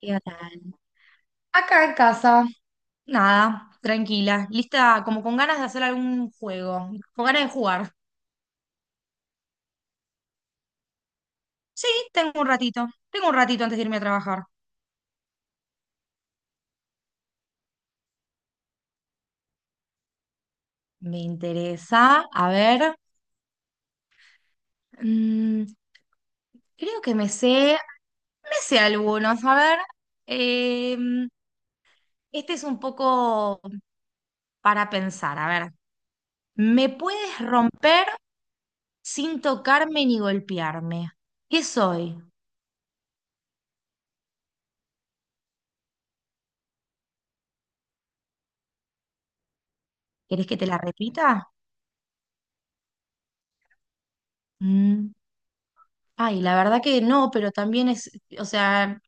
¿Qué tal? Acá en casa, nada, tranquila, lista, como con ganas de hacer algún juego, con ganas de jugar. Sí, tengo un ratito antes de irme a trabajar. Me interesa, a ver, mm, creo que me sé algunos, a ver, em, este es un poco para pensar, a ver, ¿me puedes romper sin tocarme ni golpearme? ¿Qué soy? ¿Querés que te la repita? Mm. Ay, la verdad que no, pero también es, o sea,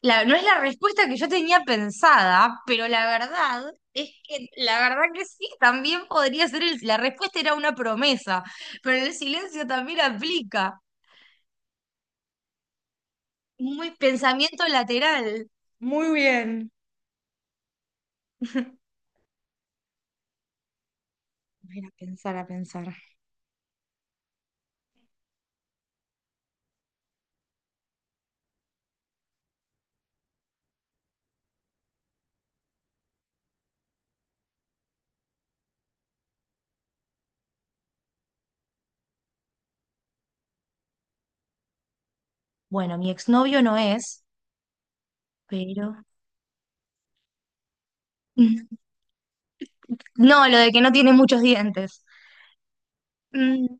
no es la respuesta que yo tenía pensada, pero la verdad es que, la verdad que sí, también podría ser, la respuesta era una promesa, pero el silencio también aplica. Muy pensamiento lateral. Muy bien. A ver, a pensar, a pensar. Bueno, mi exnovio no es, pero... No, lo de que no tiene muchos dientes. Mm,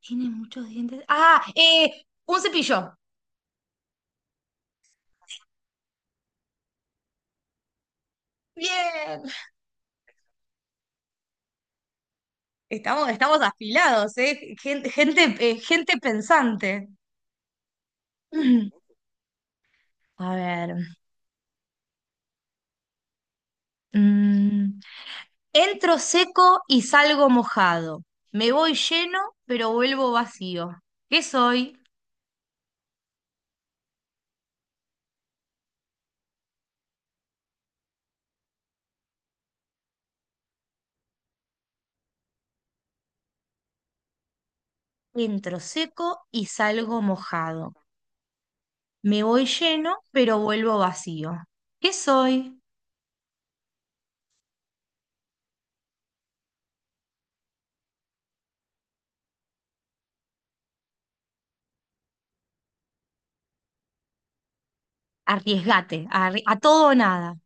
tiene muchos dientes. Un cepillo. Bien. Estamos afilados, ¿eh? Gente pensante. A ver. mm, entro seco y salgo mojado. Me voy lleno, pero vuelvo vacío. ¿Qué soy? Entro seco y salgo mojado. Me voy lleno, pero vuelvo vacío. ¿Qué soy? Arriesgate, a todo o nada.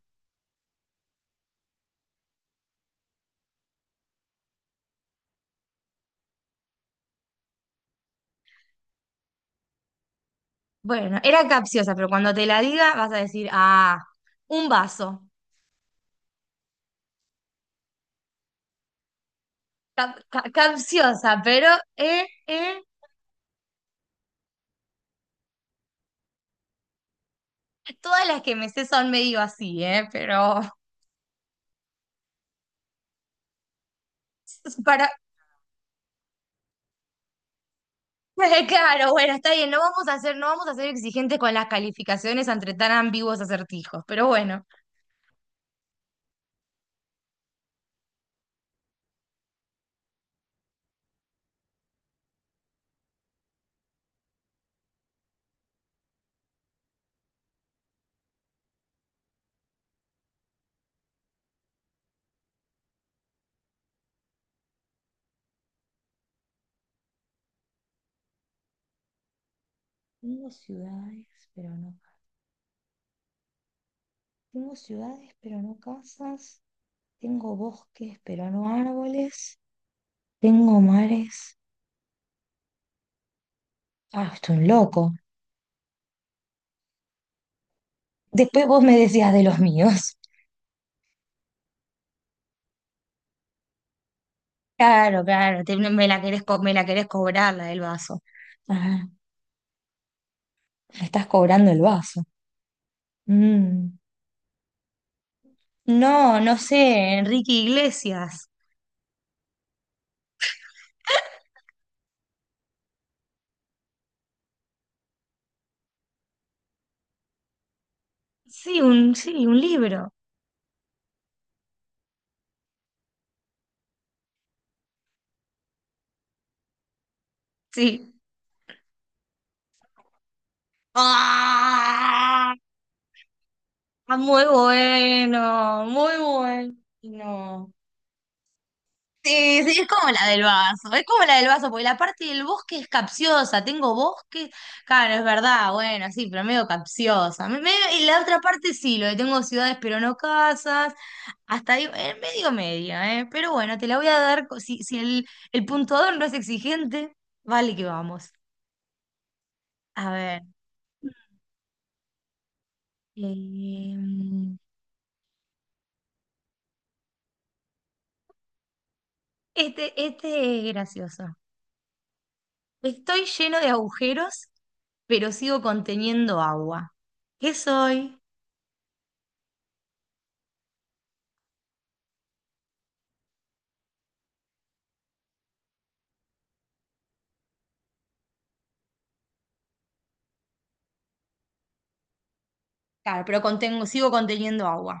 Bueno, era capciosa, pero cuando te la diga vas a decir, ah, un vaso. Capciosa, pero eh, eh, todas las que me sé son medio así, pero para claro, bueno, está bien, no vamos a ser exigentes con las calificaciones entre tan ambiguos acertijos, pero bueno. Tengo ciudades, pero no. Tengo ciudades, pero no casas. Tengo bosques, pero no árboles. Tengo mares. Ah, estoy un loco. Después vos me decías de los míos. Claro, claro, me la querés, me la querés cobrar la del vaso. Le estás cobrando el vaso. Mm. No, no sé, Enrique Iglesias. Sí, un libro. Sí. ¡Ah! Muy bueno, muy bueno. Sí, sí, es como la del vaso, es como la del vaso, porque la parte del bosque es capciosa, tengo bosque, claro, es verdad, bueno, sí, pero medio capciosa. Y la otra parte sí, lo de tengo ciudades pero no casas, hasta ahí, medio media, ¿eh? Pero bueno, te la voy a dar. Si, si el, el puntuador no es exigente, vale que vamos. A ver. em, este es gracioso. Estoy lleno de agujeros, pero sigo conteniendo agua. ¿Qué soy? Claro, pero contengo, sigo conteniendo agua.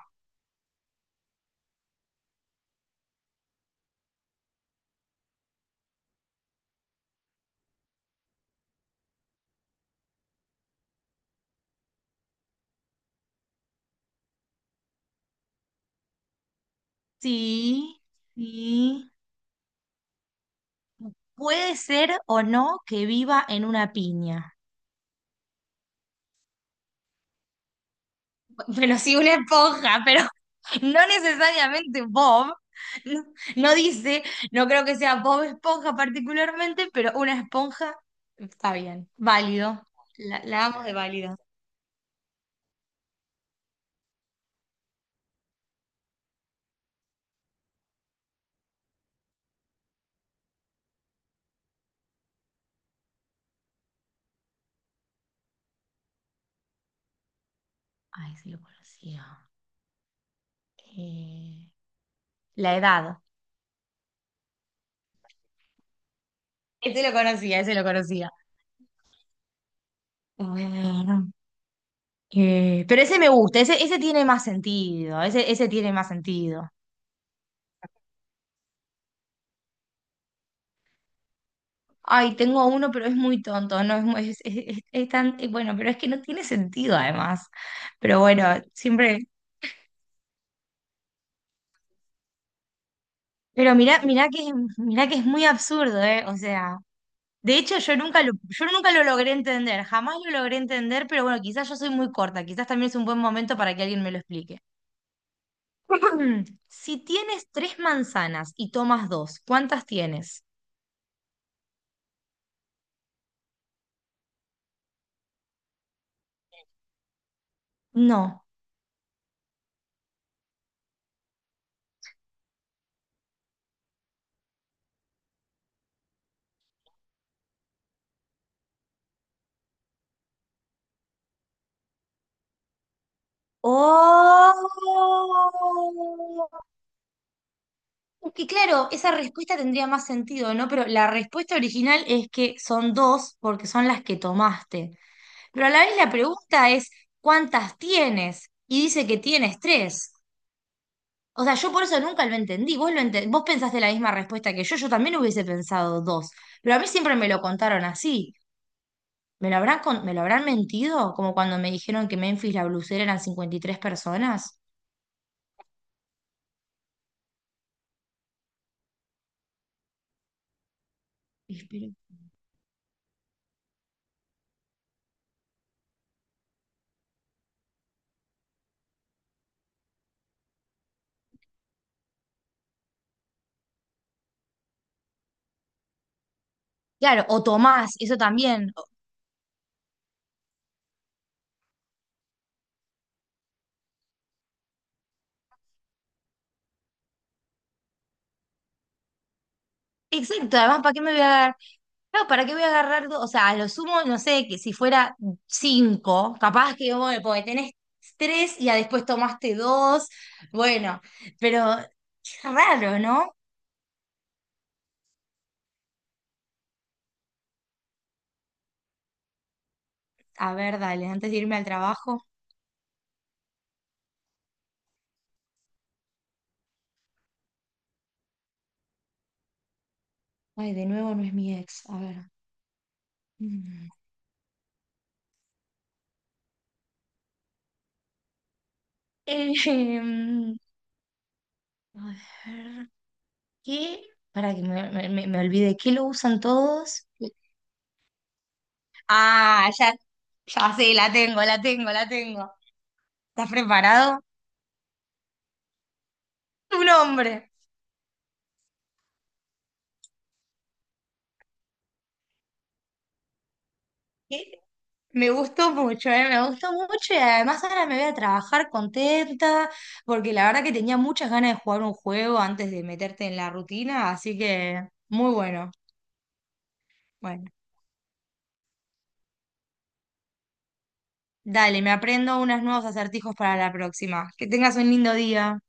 Sí, sí. Puede ser o no que viva en una piña. Pero sí una esponja, pero no necesariamente Bob. No, no dice, no creo que sea Bob Esponja particularmente, pero una esponja está bien, válido. La amo de válido. Ay, sí lo conocía. Eh, la edad. Ese lo conocía, ese lo conocía. Bueno, pero ese me gusta, ese tiene más sentido, ese tiene más sentido. Ay, tengo uno, pero es muy tonto, no es muy, es, es tan, bueno, pero es que no tiene sentido además. Pero bueno, siempre, pero mirá, mirá que es muy absurdo, ¿eh? O sea, de hecho yo nunca lo logré entender, jamás lo logré entender, pero bueno, quizás yo soy muy corta, quizás también es un buen momento para que alguien me lo explique. Si tienes tres manzanas y tomas dos, ¿cuántas tienes? No. ¡Oh! Es que claro, esa respuesta tendría más sentido, ¿no? Pero la respuesta original es que son dos porque son las que tomaste. Pero a la vez la pregunta es, ¿cuántas tienes? Y dice que tienes tres. O sea, yo por eso nunca lo entendí. Vos, vos pensaste la misma respuesta que yo también hubiese pensado dos. Pero a mí siempre me lo contaron así. ¿Me lo habrán, me lo habrán mentido? Como cuando me dijeron que Memphis la blusera eran 53 personas. Espero. Claro, o Tomás, eso también. Exacto, además, ¿para qué me voy a agarrar? Claro, ¿para qué voy a agarrar? O sea, a lo sumo, no sé, que si fuera cinco, capaz que, bueno, porque tenés tres y ya después tomaste dos, bueno, pero es raro, ¿no? A ver, dale, antes de irme al trabajo. Ay, de nuevo no es mi ex, a ver. Mm. Eh, em, a ver, ¿qué? Para que me olvide, ¿qué lo usan todos? Ah, ya, ya sí, la tengo, la tengo, la tengo. ¿Estás preparado? Tu nombre. ¿Qué? Me gustó mucho, ¿eh? Me gustó mucho y además ahora me voy a trabajar contenta porque la verdad que tenía muchas ganas de jugar un juego antes de meterte en la rutina, así que muy bueno. Bueno, dale, me aprendo unos nuevos acertijos para la próxima. Que tengas un lindo día.